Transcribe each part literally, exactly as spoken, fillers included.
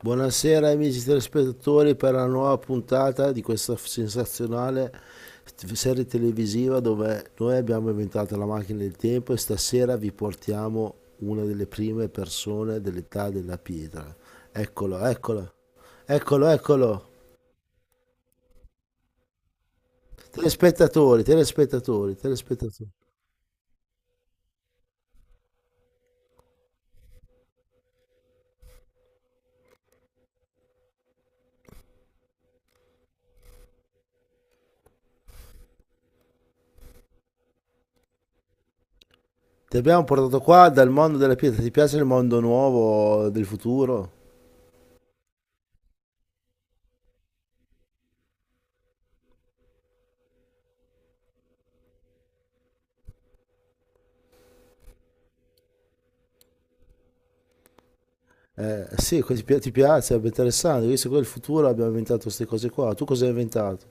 Buonasera amici telespettatori per la nuova puntata di questa sensazionale serie televisiva dove noi abbiamo inventato la macchina del tempo e stasera vi portiamo una delle prime persone dell'età della pietra. Eccolo, eccolo, eccolo, eccolo. Telespettatori, telespettatori, telespettatori. Ti abbiamo portato qua dal mondo della pietra, ti piace il mondo nuovo del futuro? Eh, sì, que- ti pi- ti piace, è interessante, visto che il futuro abbiamo inventato queste cose qua, tu cosa hai inventato?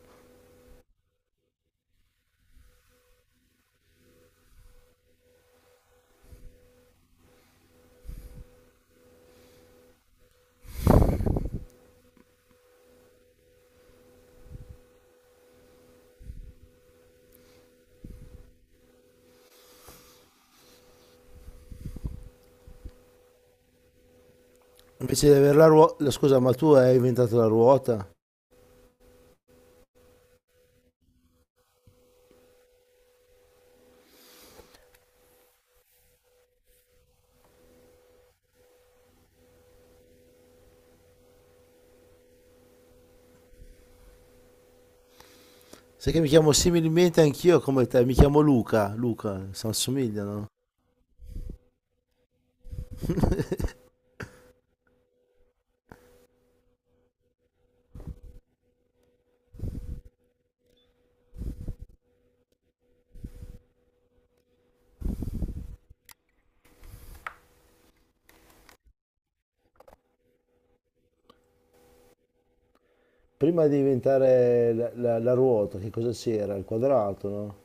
Invece di avere la ruota, scusa, ma tu hai inventato la ruota? Sai che mi chiamo similmente anch'io come te, mi chiamo Luca, Luca, si assomigliano. Prima di inventare la, la- la ruota, che cosa c'era? Il quadrato, no?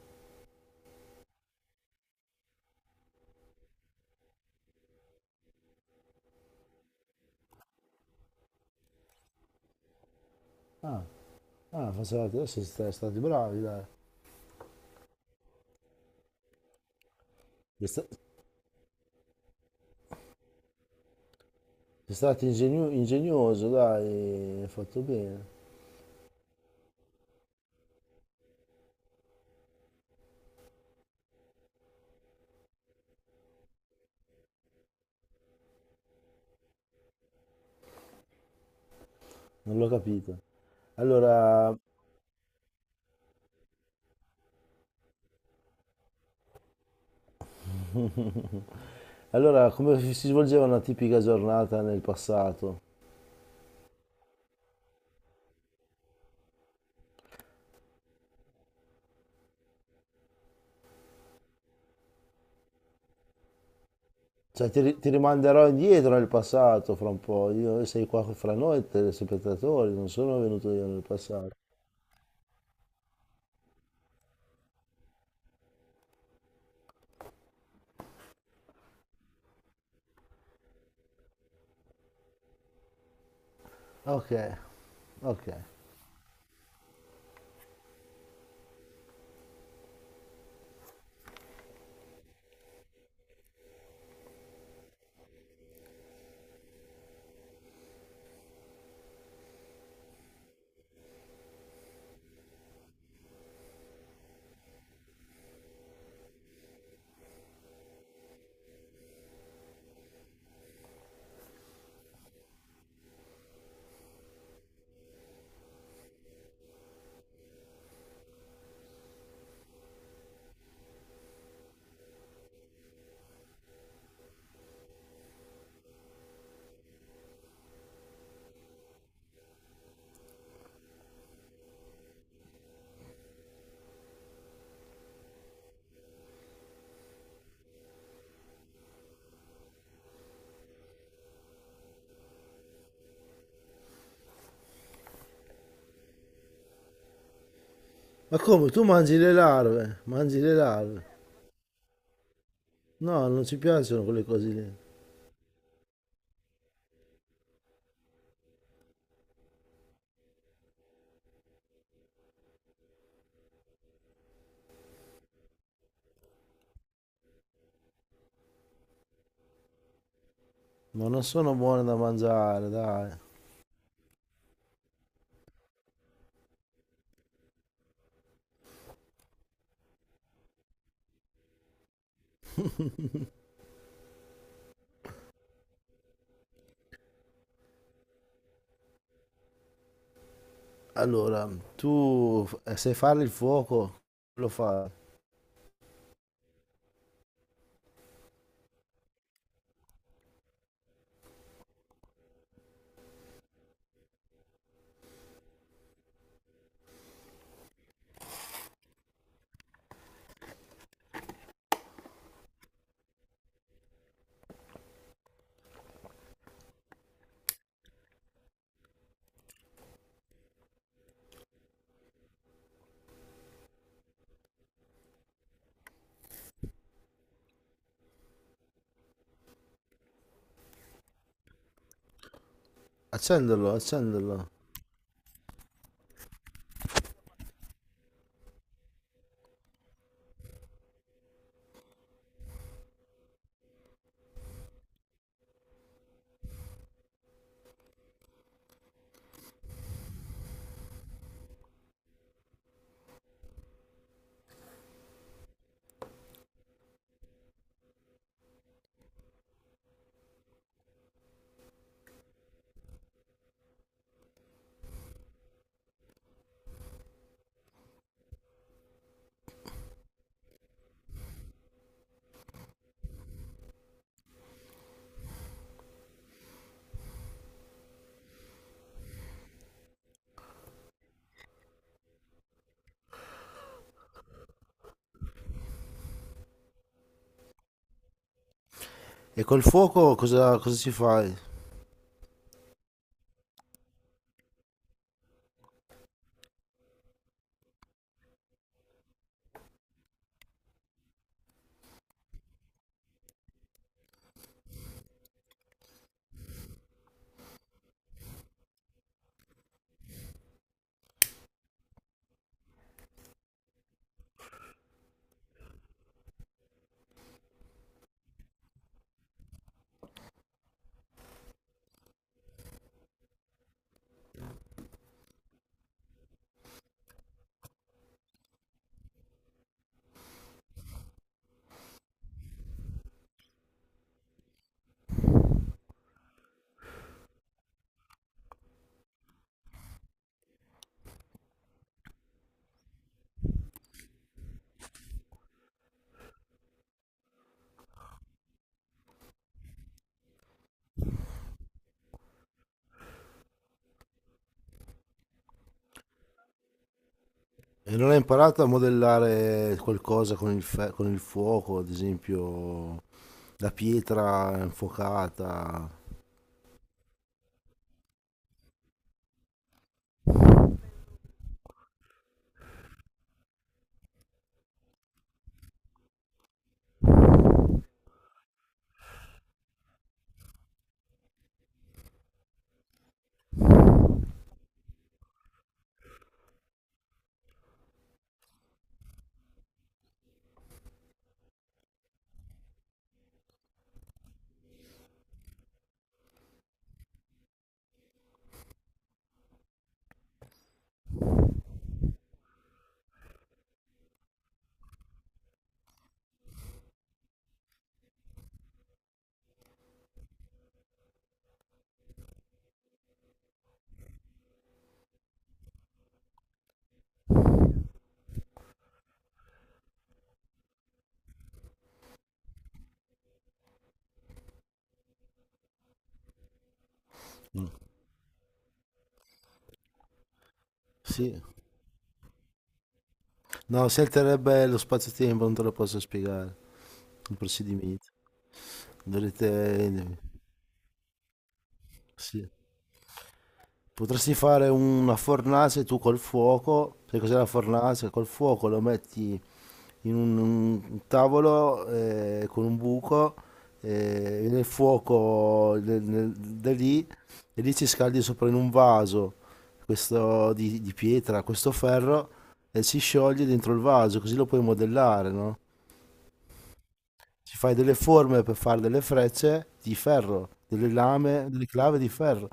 Ah, ah facevate, adesso siete stati bravi, dai. Siete sta- Siete stati ingegno- ingegnoso, dai, hai fatto bene. Non l'ho capito. Allora, allora, come si svolgeva una tipica giornata nel passato? Cioè, ti, ri- ti rimanderò indietro nel passato fra un po'. Io sei qua fra noi, telespettatori, non sono venuto io nel passato. Ok, ok. Ma come? Tu mangi le larve? Mangi le larve? No, non ci piacciono quelle cose lì. Ma non sono buone da mangiare, dai. Allora, tu f- eh, sai fare il fuoco? Lo fai? Accenderlo, accenderlo. E col fuoco cosa, cosa ci fai? E non hai imparato a modellare qualcosa con il, fe- con il fuoco, ad esempio la pietra infuocata? No. Sì. No, si alterebbe lo spazio-tempo, non te lo posso spiegare. Il procedimento. Dovrete... Sì. Potresti fare una fornace tu col fuoco. Sai cos'è la fornace? Col fuoco lo metti in un, un tavolo eh, con un buco eh, nel fuoco del- nel- da lì e lì ci scaldi sopra in un vaso questo di, di pietra, questo ferro e si scioglie dentro il vaso, così lo puoi modellare, no? Ci fai delle forme per fare delle frecce di ferro, delle lame, delle clave di ferro.